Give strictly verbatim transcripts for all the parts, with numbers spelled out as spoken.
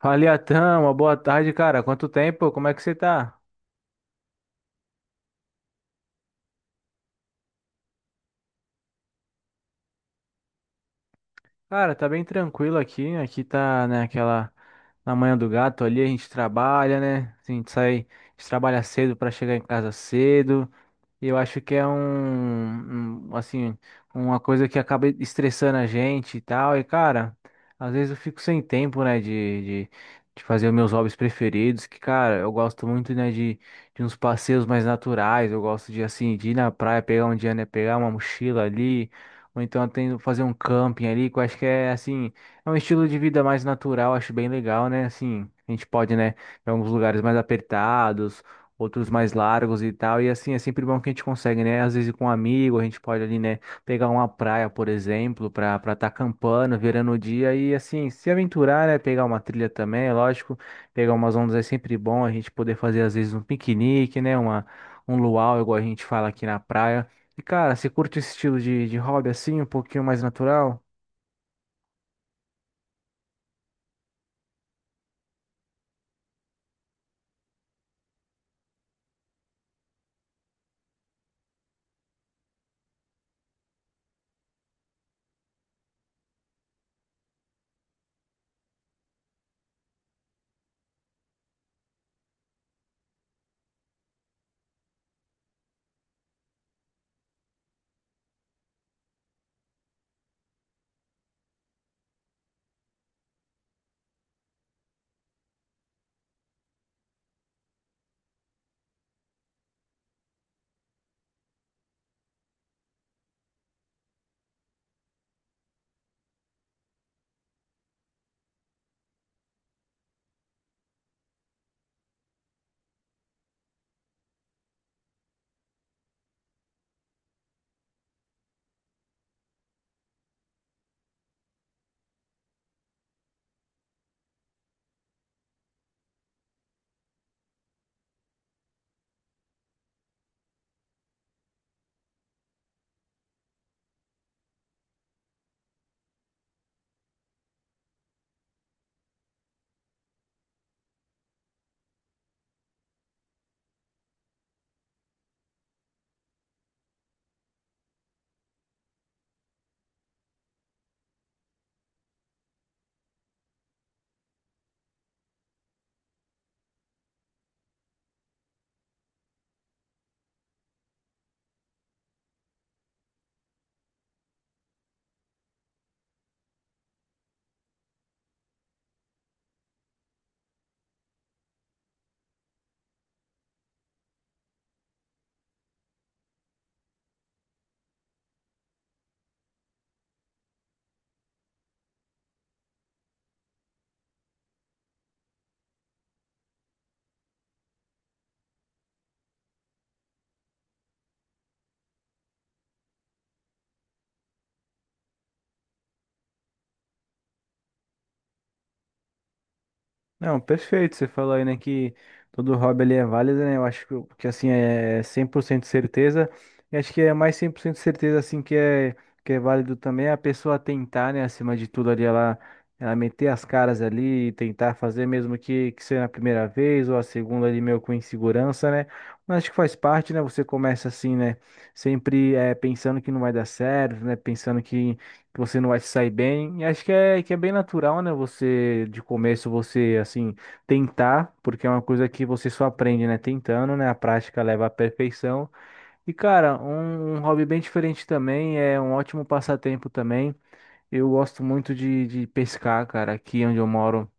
Fala, Atan, uma boa tarde, cara. Quanto tempo? Como é que você tá? Cara, tá bem tranquilo aqui. Aqui tá, né, aquela na manhã do gato ali, a gente trabalha, né? Assim, a gente sai, a gente trabalha cedo pra chegar em casa cedo. Eu acho que é um, um, assim, uma coisa que acaba estressando a gente e tal. E, cara, às vezes eu fico sem tempo, né, de, de, de fazer os meus hobbies preferidos. Que, cara, eu gosto muito, né, de, de uns passeios mais naturais. Eu gosto de, assim, de ir na praia, pegar um dia, né, pegar uma mochila ali. Ou então tem, fazer um camping ali, que eu acho que é, assim, é um estilo de vida mais natural. Acho bem legal, né, assim. A gente pode, né, em alguns lugares mais apertados, outros mais largos e tal. E assim, é sempre bom que a gente consegue, né? Às vezes com um amigo, a gente pode ali, né, pegar uma praia, por exemplo, para para estar acampando, virando o dia e assim, se aventurar, né? Pegar uma trilha também, é lógico. Pegar umas ondas é sempre bom, a gente poder fazer às vezes um piquenique, né? Uma, um luau, igual a gente fala aqui na praia. E cara, você curte esse estilo de, de hobby assim, um pouquinho mais natural? Não, perfeito. Você falou aí, né, que todo hobby ali é válido, né? Eu acho que, o- que assim, é cem por cento certeza. E acho que é mais cem por cento certeza, assim, que é, que é válido também a pessoa tentar, né, acima de tudo ali, ela, ela meter as caras ali e tentar fazer, mesmo que, que seja a primeira vez ou a segunda ali, meio com insegurança, né? Mas acho que faz parte, né? Você começa assim, né? Sempre eh, pensando que não vai dar certo, né? Pensando que que você não vai se sair bem. E acho que é, que é bem natural, né? Você, de começo, você, assim, tentar, porque é uma coisa que você só aprende, né? Tentando, né? A prática leva à perfeição. E, cara, um, um hobby bem diferente também, é um ótimo passatempo também. Eu gosto muito de, de pescar, cara, aqui onde eu moro.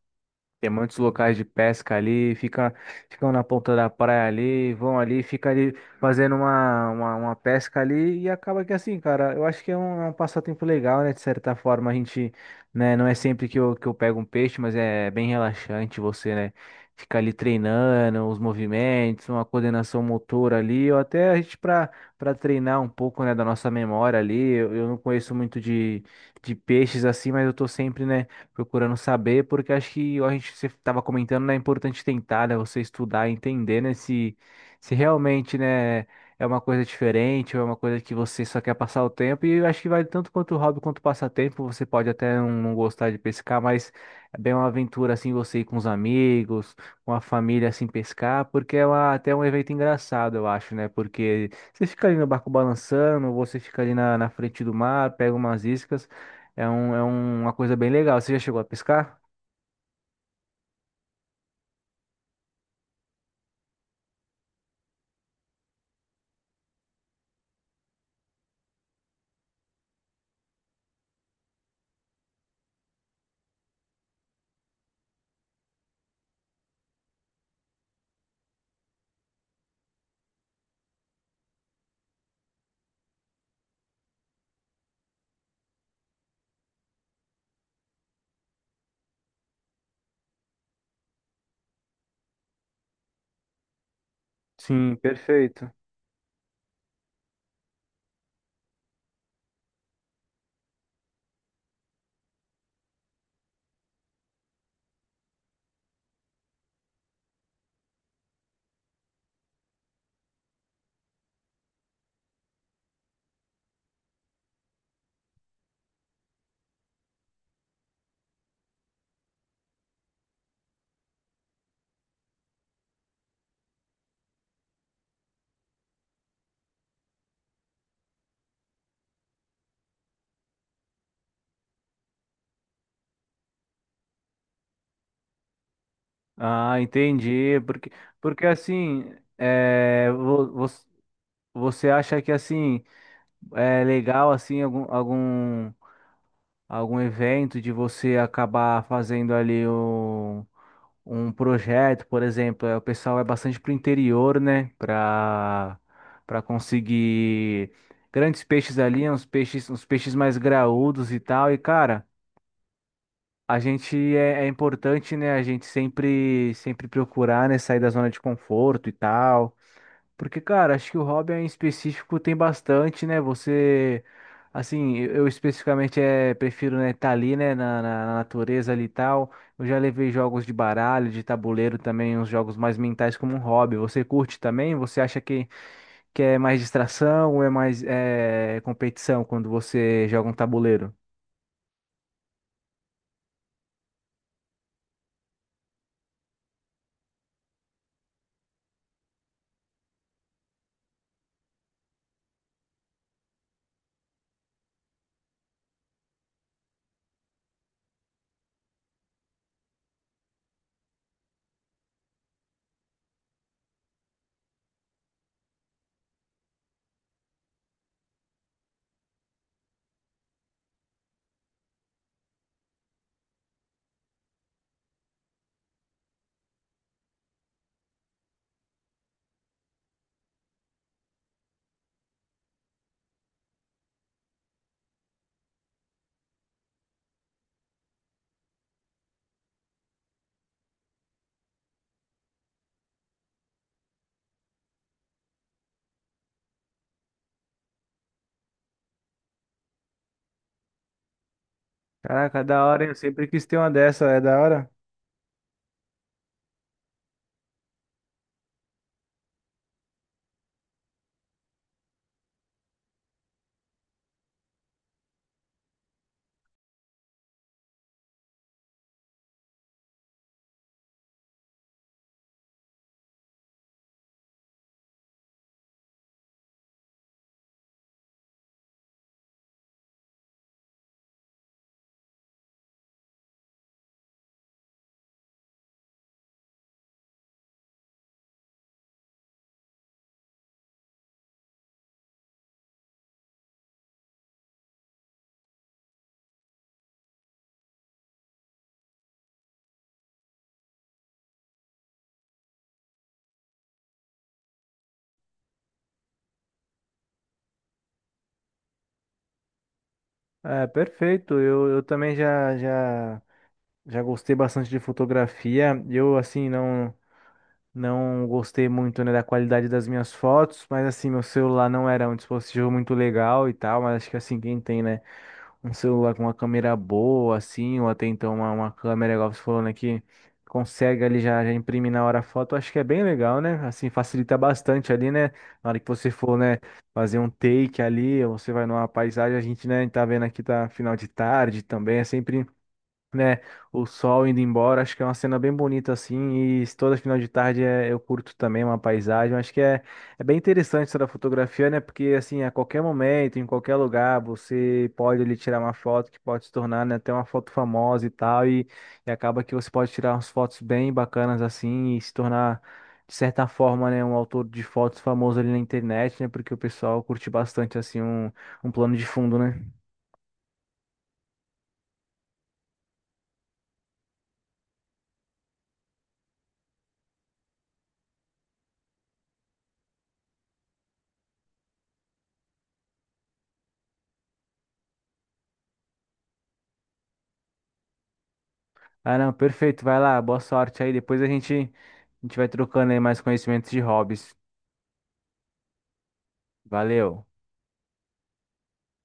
Tem muitos locais de pesca ali, fica, ficam na ponta da praia ali, vão ali, fica ali fazendo uma, uma, uma pesca ali e acaba que assim, cara, eu acho que é um, é um passatempo legal, né? De certa forma, a gente, né, não é sempre que eu, que eu pego um peixe, mas é bem relaxante você, né? Ficar ali treinando os movimentos, uma coordenação motora ali, ou até a gente para para treinar um pouco, né, da nossa memória ali. Eu, eu não conheço muito de, de peixes assim, mas eu tô sempre, né, procurando saber, porque acho que a gente você estava comentando, né, é importante tentar, né, você estudar, e entender, né, se, se realmente, né, é uma coisa diferente ou é uma coisa que você só quer passar o tempo. E eu acho que vale tanto quanto o hobby quanto o passatempo. Você pode até não, não gostar de pescar, mas é bem uma aventura assim você ir com os amigos, com a família assim pescar, porque é uma- até um evento engraçado, eu acho, né? Porque você fica ali no barco balançando, você fica ali na, na frente do mar, pega umas iscas. É, um, é um- uma coisa bem legal. Você já chegou a pescar? Sim, perfeito. Ah, entendi. Porque, porque assim, é, vo- vo- você acha que assim é legal assim algum, algum algum evento de você acabar fazendo ali um um projeto, por exemplo, é, o pessoal é bastante pro interior, né, para para conseguir grandes peixes ali, uns peixes uns peixes mais graúdos e tal. E cara, a gente é, é importante, né? A gente sempre, sempre procurar, né? Sair da zona de conforto e tal. Porque, cara, acho que o hobby em específico tem bastante, né? Você, assim, eu, eu especificamente é, prefiro, né? Estar ali, né? Na, na- na natureza ali e tal. Eu já levei jogos de baralho, de tabuleiro também, uns jogos mais mentais como um hobby. Você curte também? Você acha que, que é mais distração ou é mais é, competição quando você joga um tabuleiro? Caraca, da hora, hein? Eu sempre quis ter uma dessa, é da hora. É, perfeito. Eu, eu também já, já, já gostei bastante de fotografia. Eu, assim, não. Não gostei muito, né, da qualidade das minhas fotos, mas assim, meu celular não era um dispositivo muito legal e tal, mas acho que assim, quem tem, né, um celular com uma câmera boa, assim, ou até então uma, uma câmera, igual você falou, né, que consegue ali já, já imprimir na hora a foto, acho que é bem legal, né, assim, facilita bastante ali, né, na hora que você for, né, fazer um take ali, ou você vai numa paisagem, a gente, né, tá vendo aqui, tá final de tarde também, é sempre, né? O sol indo embora, acho que é uma cena bem bonita assim, e toda final de tarde é, eu curto também uma paisagem, acho que é, é bem interessante essa da fotografia, né? Porque assim, a qualquer momento, em qualquer lugar, você pode ali tirar uma foto que pode se tornar, né, até uma foto famosa e tal, e, e acaba que você pode tirar umas fotos bem bacanas assim e se tornar, de certa forma, né, um autor de fotos famoso ali na internet, né, porque o pessoal curte bastante, assim, um, um plano de fundo, né? Ah, não, perfeito, vai lá, boa sorte aí, depois a gente a gente vai trocando aí mais conhecimentos de hobbies. Valeu.